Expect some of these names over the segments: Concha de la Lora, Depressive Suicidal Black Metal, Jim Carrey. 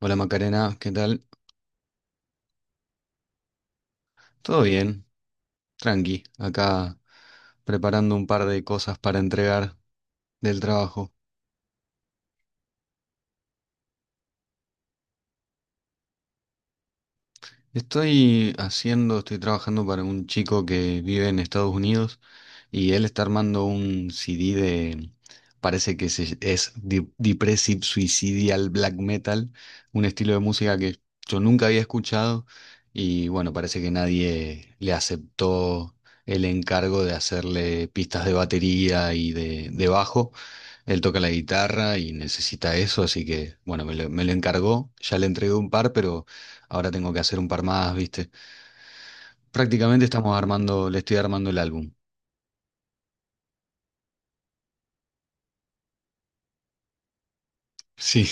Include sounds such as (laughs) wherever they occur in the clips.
Hola Macarena, ¿qué tal? Todo bien, tranqui, acá preparando un par de cosas para entregar del trabajo. Estoy trabajando para un chico que vive en Estados Unidos y él está armando un CD de, parece que Depressive Suicidal Black Metal, un estilo de música que yo nunca había escuchado y bueno, parece que nadie le aceptó el encargo de hacerle pistas de batería y de bajo. Él toca la guitarra y necesita eso, así que bueno, me lo encargó, ya le entregué un par, pero... Ahora tengo que hacer un par más, ¿viste? Prácticamente le estoy armando el álbum. Sí,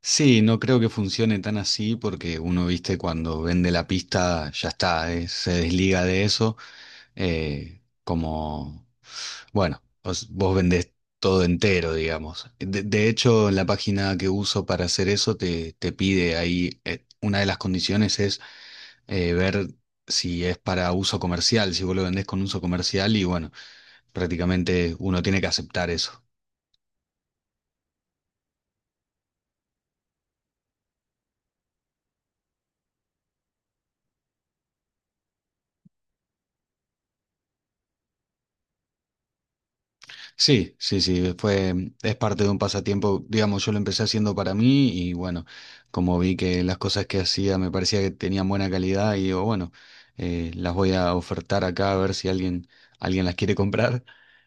sí, no creo que funcione tan así porque uno, ¿viste? Cuando vende la pista, ya está, se desliga de eso. eh, como, bueno, vos vendés todo entero, digamos. De hecho, en la página que uso para hacer eso te pide ahí, una de las condiciones es ver si es para uso comercial, si vos lo vendés con uso comercial y bueno. Prácticamente uno tiene que aceptar eso. Sí, sí, sí, es parte de un pasatiempo, digamos, yo lo empecé haciendo para mí y bueno, como vi que las cosas que hacía me parecía que tenían buena calidad y digo, bueno, las voy a ofertar acá a ver si alguien las quiere comprar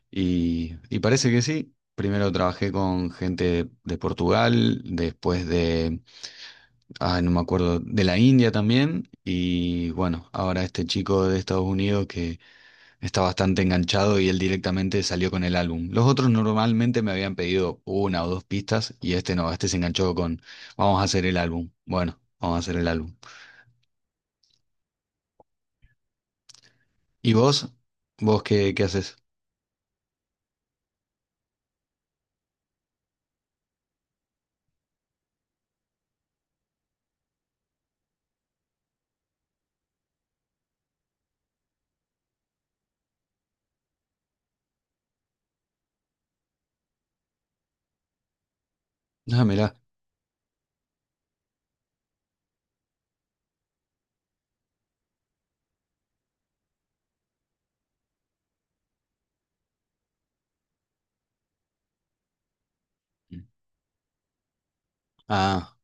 y parece que sí. Primero trabajé con gente de Portugal, después de, ah, no me acuerdo, de la India también y bueno, ahora este chico de Estados Unidos que está bastante enganchado y él directamente salió con el álbum. Los otros normalmente me habían pedido una o dos pistas y este no, este se enganchó con vamos a hacer el álbum. Bueno, vamos a hacer el álbum. ¿Y vos? ¿Vos qué haces? Ah, mirá. Ah,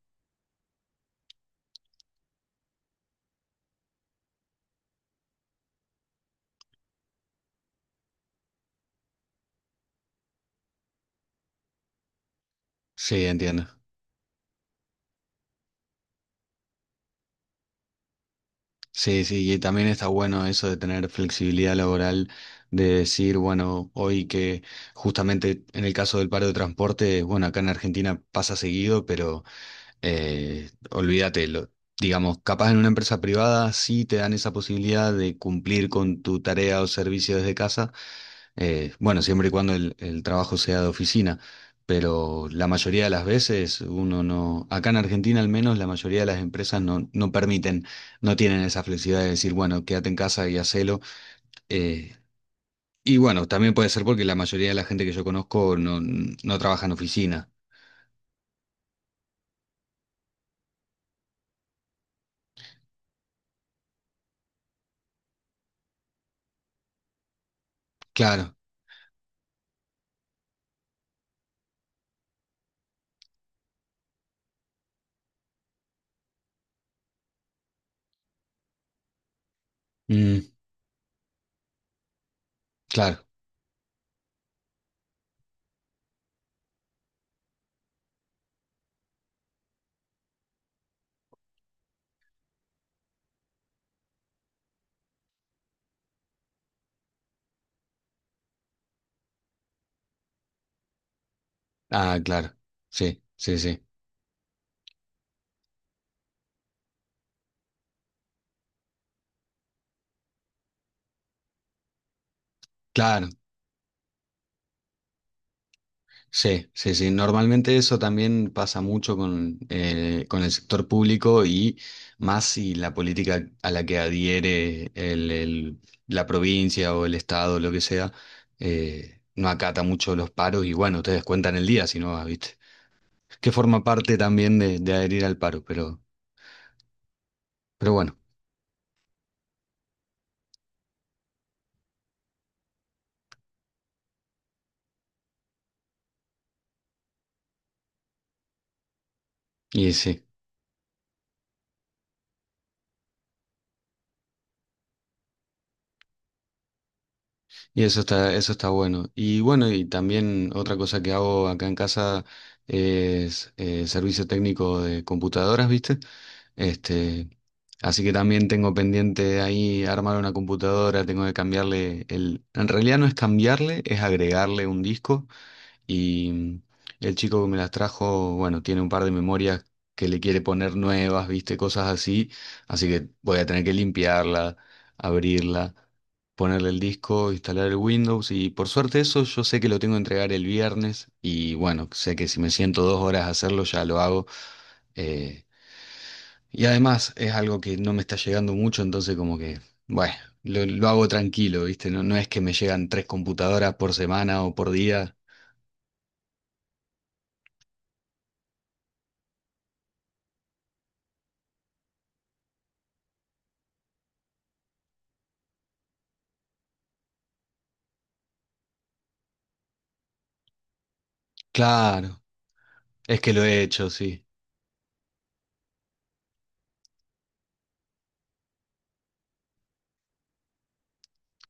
sí, entiendo. Sí, sí, y también está bueno eso de tener flexibilidad laboral, de decir, bueno, hoy que justamente en el caso del paro de transporte, bueno, acá en Argentina pasa seguido, pero... Olvídate, digamos, capaz en una empresa privada sí te dan esa posibilidad de cumplir con tu tarea o servicio desde casa, bueno, siempre y cuando el trabajo sea de oficina, pero la mayoría de las veces uno no, acá en Argentina al menos la mayoría de las empresas no, no permiten, no tienen esa flexibilidad de decir, bueno, quédate en casa y hacelo. eh, y bueno, también puede ser porque la mayoría de la gente que yo conozco no, no trabaja en oficina. Claro, mm, claro. Ah, claro. Sí, sí, sí. Claro, sí, sí, sí. Normalmente eso también pasa mucho con el sector público y más si la política a la que adhiere la provincia o el estado, lo que sea, no acata mucho los paros y bueno, ustedes cuentan el día si no, ¿viste? Que forma parte también de adherir al paro, pero bueno, y sí. Y eso está bueno. Y bueno, y también otra cosa que hago acá en casa es servicio técnico de computadoras, ¿viste? Este, así que también tengo pendiente ahí armar una computadora, tengo que cambiarle el... En realidad no es cambiarle, es agregarle un disco y el chico que me las trajo, bueno, tiene un par de memorias que le quiere poner nuevas, viste, cosas así. Así que voy a tener que limpiarla, abrirla, ponerle el disco, instalar el Windows. Y por suerte eso yo sé que lo tengo que entregar el viernes. Y bueno, sé que si me siento dos horas a hacerlo, ya lo hago. Eh, y además es algo que no me está llegando mucho, entonces como que, bueno, lo hago tranquilo, viste. No, no es que me llegan tres computadoras por semana o por día. Claro, es que lo he hecho, sí.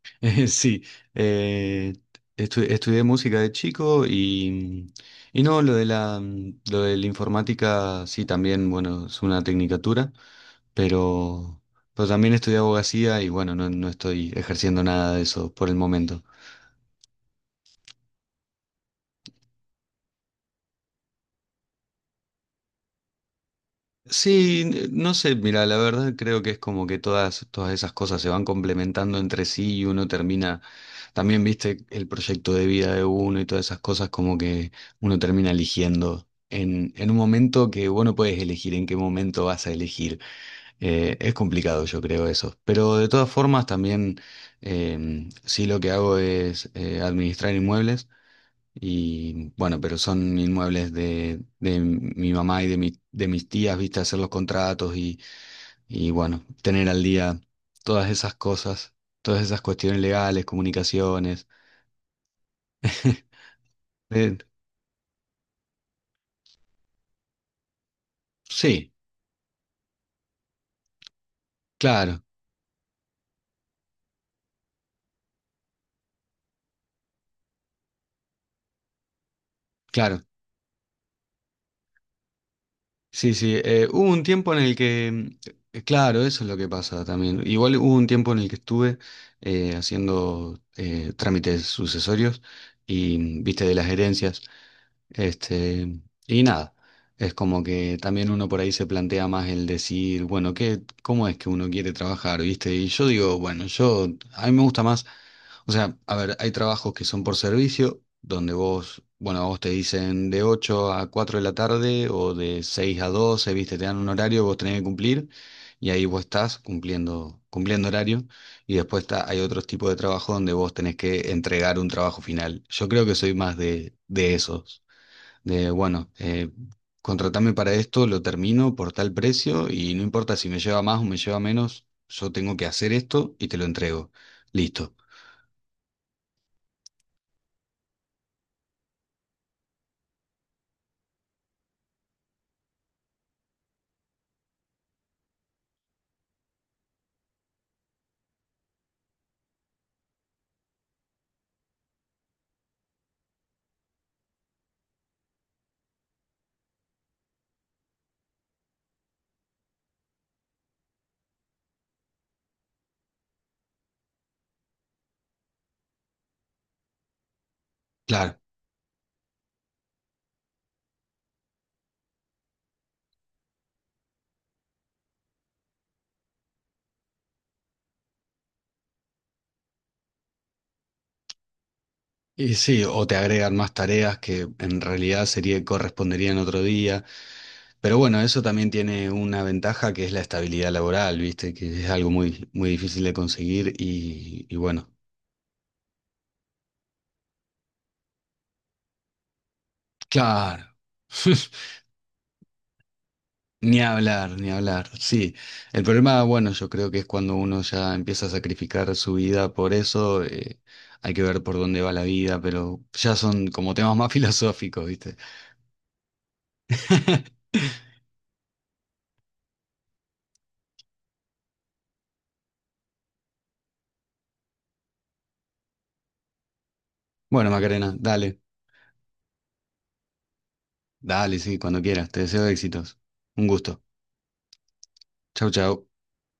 (laughs) Sí, eh, estudié música de chico y no, lo de la informática, sí, también, bueno, es una tecnicatura, pero, pero también estudié abogacía y bueno, no, no estoy ejerciendo nada de eso por el momento. Sí, no sé, mira, la verdad creo que es como que todas esas cosas se van complementando entre sí y uno termina, también viste el proyecto de vida de uno y todas esas cosas como que uno termina eligiendo en un momento que vos no puedes elegir en qué momento vas a elegir. Es complicado yo creo eso, pero de todas formas también sí lo que hago es administrar inmuebles. Y bueno, pero son inmuebles de mi mamá y de mis tías, viste, hacer los contratos y bueno, tener al día todas esas cosas, todas esas cuestiones legales, comunicaciones. (laughs) Eh, sí, claro, claro. Sí, sí. Hubo un tiempo en el que, claro, eso es lo que pasa también. Igual hubo un tiempo en el que estuve haciendo trámites sucesorios y, viste, de las herencias. Este, y nada, es como que también uno por ahí se plantea más el decir, bueno, ¿qué, cómo es que uno quiere trabajar, ¿viste? Y yo digo, bueno, yo, a mí me gusta más, o sea, a ver, hay trabajos que son por servicio, donde vos, bueno, a vos te dicen de 8 a 4 de la tarde o de 6 a 12, ¿viste? Te dan un horario, vos tenés que cumplir y ahí vos estás cumpliendo, cumpliendo horario. Y después está, hay otros tipos de trabajo donde vos tenés que entregar un trabajo final. Yo creo que soy más de esos de, bueno, contratame para esto, lo termino por tal precio y no importa si me lleva más o me lleva menos, yo tengo que hacer esto y te lo entrego. Listo. Claro. Y sí, o te agregan más tareas que en realidad sería, corresponderían otro día. Pero bueno, eso también tiene una ventaja que es la estabilidad laboral, ¿viste? Que es algo muy, muy difícil de conseguir y bueno. Claro. (laughs) Ni hablar, ni hablar. Sí, el problema, bueno, yo creo que es cuando uno ya empieza a sacrificar su vida por eso, hay que ver por dónde va la vida, pero ya son como temas más filosóficos, ¿viste? (laughs) Bueno, Macarena, dale, dale, sí, cuando quieras. Te deseo éxitos. Un gusto. Chau, chau.